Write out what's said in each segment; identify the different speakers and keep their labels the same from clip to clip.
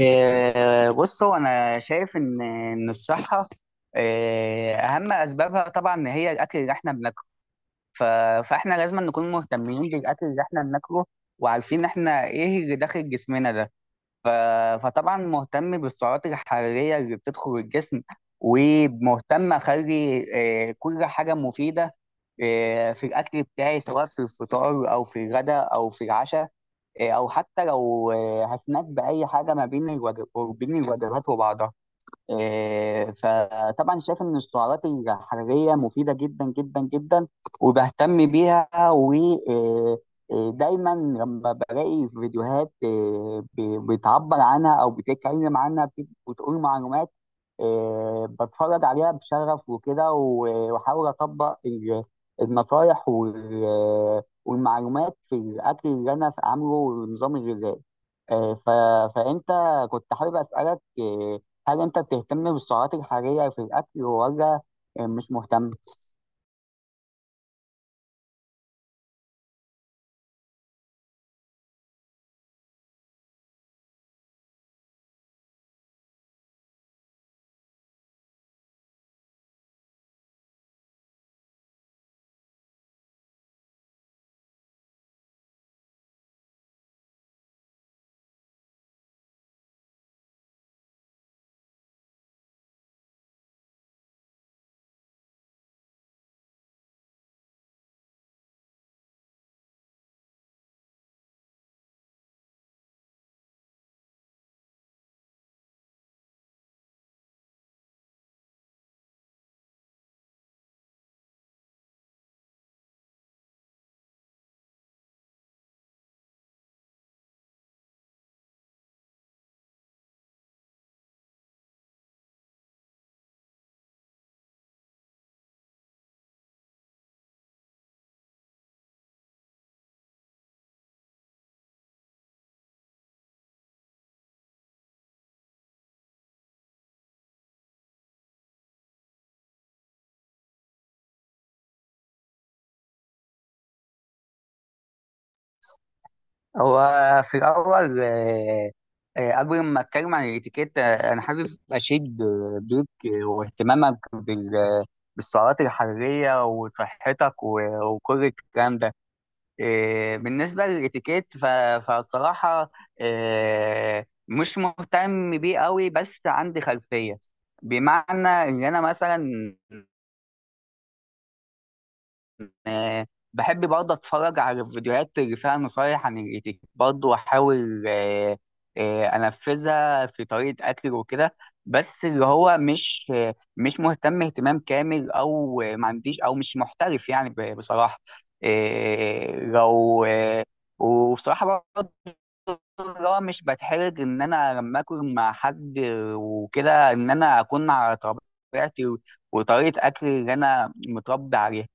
Speaker 1: بص، هو انا شايف ان الصحه، اهم اسبابها طبعا ان هي الاكل اللي احنا بناكله. ف- فاحنا لازم نكون مهتمين بالاكل اللي احنا بناكله وعارفين احنا ايه اللي داخل جسمنا ده. فطبعا مهتم بالسعرات الحراريه اللي بتدخل الجسم، ومهتم اخلي كل حاجه مفيده في الاكل بتاعي، سواء في الفطار او في الغداء او في العشاء، او حتى لو هسناك باي حاجه ما بين وبين الوجبات وبعضها. فطبعا شايف ان السعرات الحراريه مفيده جدا جدا جدا، وبهتم بيها. ودايما لما بلاقي فيديوهات، بتعبر عنها او بتتكلم عنها، بتقول معلومات، بتفرج عليها بشغف وكده، واحاول اطبق النصايح والمعلومات في الاكل اللي انا عامله والنظام الغذائي. إيه، ف- فانت كنت حابب اسالك، هل انت بتهتم بالسعرات الحرارية في الاكل ولا مش مهتم؟ هو في الاول، قبل ما اتكلم عن الاتيكيت، انا حابب اشيد بيك واهتمامك بالسعرات الحراريه وصحتك وكل الكلام ده. بالنسبه للاتيكيت، فالصراحه مش مهتم بيه قوي، بس عندي خلفيه. بمعنى ان انا مثلا آه، بحب برضه اتفرج على الفيديوهات اللي فيها نصايح عن اليوتيوب برضه، واحاول انفذها في طريقه اكل وكده. بس اللي هو مش مش مهتم اهتمام كامل، او ما عنديش، او مش محترف يعني، بصراحه. آه، لو آه، وبصراحه برضه اللي هو مش بتحرج ان انا لما اكل مع حد وكده، ان انا اكون على طبيعتي وطريقه اكل اللي انا متربي عليها.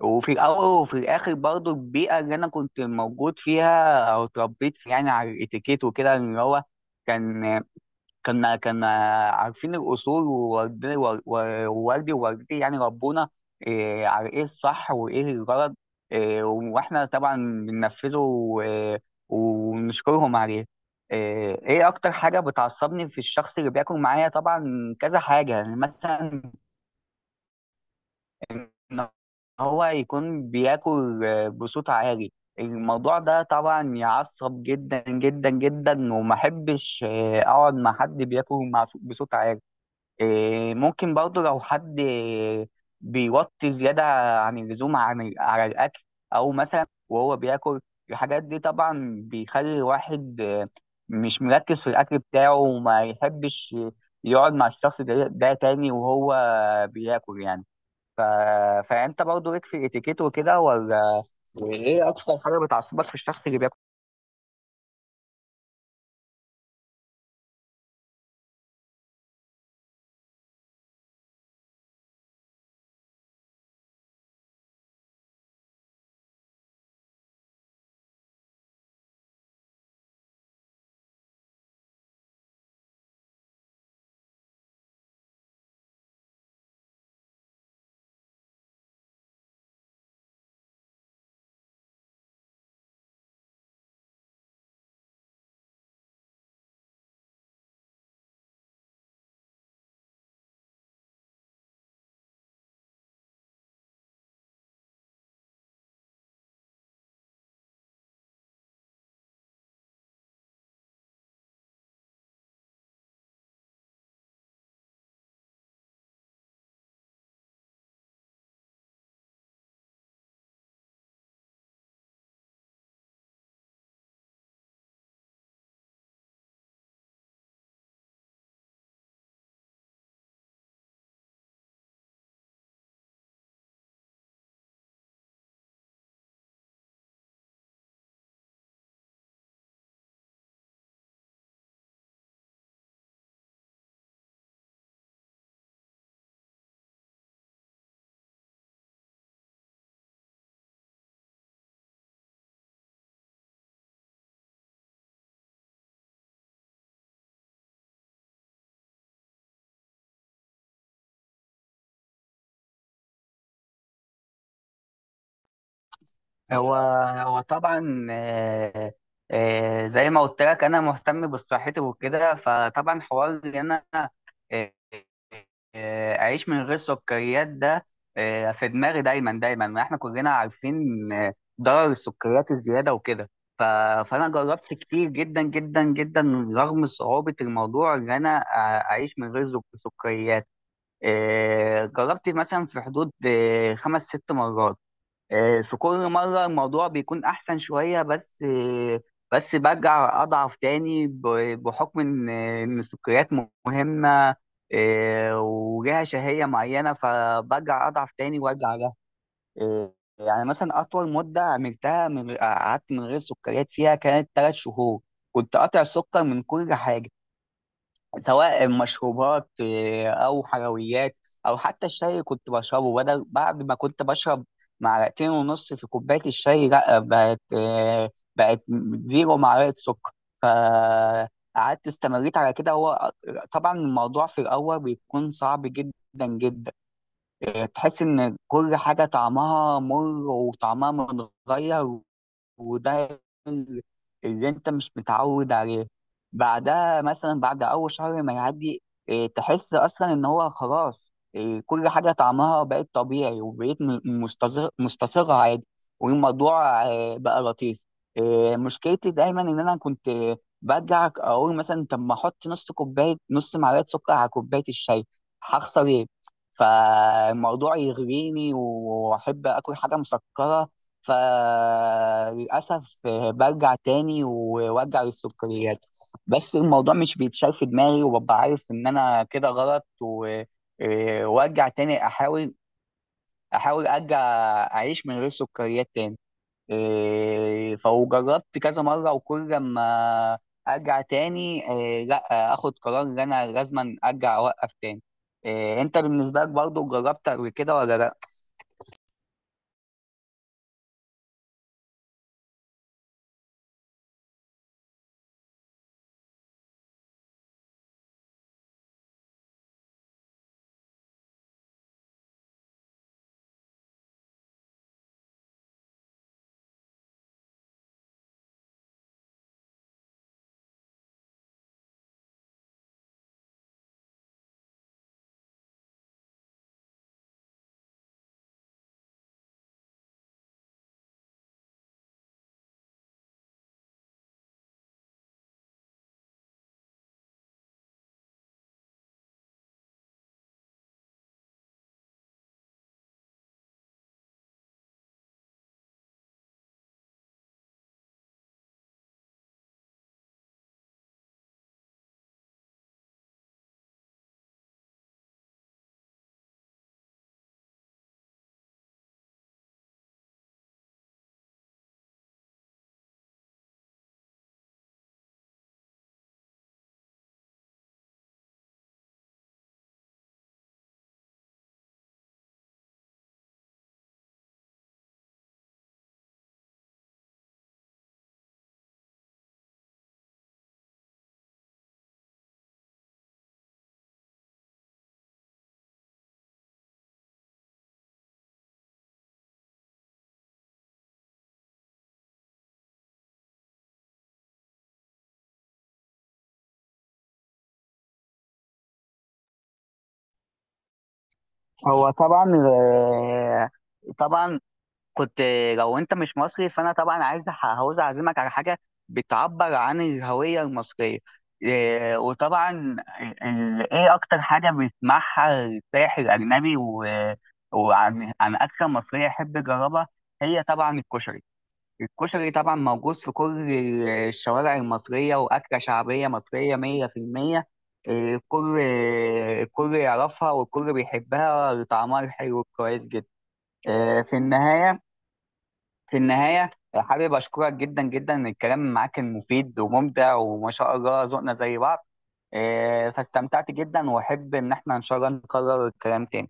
Speaker 1: وفي الأول وفي الآخر برضو البيئة اللي أنا كنت موجود فيها أو اتربيت فيها يعني على الإتيكيت وكده اللي هو كان، كنا عارفين الأصول، ووالدي ووالدتي يعني ربونا على إيه الصح وإيه الغلط. وإحنا طبعا بننفذه ونشكرهم عليه. إيه إيه أكتر حاجة بتعصبني في الشخص اللي بياكل معايا طبعا كذا حاجة، يعني مثلا ان هو يكون بياكل بصوت عالي. الموضوع ده طبعا يعصب جدا جدا جدا، وما احبش اقعد مع حد بياكل بصوت عالي. ممكن برضه لو حد بيوطي زيادة عن اللزوم عن على الأكل، أو مثلا وهو بياكل. الحاجات دي طبعا بيخلي الواحد مش مركز في الأكل بتاعه، وما يحبش يقعد مع الشخص ده تاني وهو بياكل يعني. ف... فانت برضه ليك في الاتيكيت وكده ولا؟ وايه اكثر حاجه بتعصبك في الشخص اللي بياكل؟ هو هو طبعا، زي ما قلت لك انا مهتم بصحتي وكده، فطبعا حوار ان انا آه، اعيش من غير سكريات ده في دماغي دايما دايما. احنا كلنا عارفين آه، ضرر السكريات الزياده وكده. ف- فانا جربت كتير جدا جدا جدا رغم صعوبه الموضوع ان انا اعيش من غير سكريات. جربت مثلا في حدود خمس ست مرات. في كل مرة الموضوع بيكون أحسن شوية، بس برجع أضعف تاني بحكم إن السكريات مهمة، وليها شهية معينة، فبرجع أضعف تاني وأرجع لها. آه، يعني مثلا أطول مدة عملتها قعدت من غير سكريات فيها كانت 3 شهور. كنت قاطع السكر من كل حاجة، سواء مشروبات او حلويات، او حتى الشاي. كنت بشربه بدل بعد ما كنت بشرب معلقتين ونص في كوبايه الشاي، لا بقت 0 معلقه سكر. فقعدت استمريت على كده. هو طبعا الموضوع في الاول بيكون صعب جدا جدا. تحس ان كل حاجه طعمها مر وطعمها متغير، وده ال- اللي انت مش متعود عليه. بعدها مثلا بعد اول شهر ما يعدي، اه، تحس اصلا ان هو خلاص، كل حاجه طعمها بقت طبيعي، وبقيت مستصغرها عادي. والموضوع بقى لطيف. اه، مشكلتي دايما ان انا كنت برجع اقول مثلا طب ما احط نص كوبايه، نص معلقه سكر على كوبايه الشاي، هخسر ايه؟ فالموضوع يغريني واحب اكل حاجه مسكره. فللأسف برجع تاني وارجع للسكريات، بس الموضوع مش بيتشال في دماغي، وببقى عارف ان انا كده غلط. و... إيه، وارجع تاني احاول، احاول ارجع اعيش من غير سكريات تاني. فجربت كذا مرة، وكل ما ارجع تاني لا اخد قرار ان انا لازما ارجع اوقف تاني. انت بالنسبة لك برضو جربت قبل كده ولا لا؟ هو طبعا، طبعا كنت. لو انت مش مصري فانا طبعا عايز عاوز اعزمك على حاجه بتعبر عن الهويه المصريه. وطبعا ايه اكتر حاجه بيسمعها السائح الاجنبي وعن اكله مصريه يحب يجربها؟ هي طبعا الكشري. الكشري طبعا موجود في كل الشوارع المصريه، واكله شعبيه مصريه 100%. إيه، الكل الكل يعرفها، والكل بيحبها، وطعمها الحلو كويس جدا. إيه، في النهايه في النهاية حابب أشكرك جدا جدا. الكلام معاك كان مفيد وممتع، وما شاء الله ذوقنا زي بعض. فاستمتعت جدا، وأحب إن احنا إن شاء الله نكرر الكلام تاني.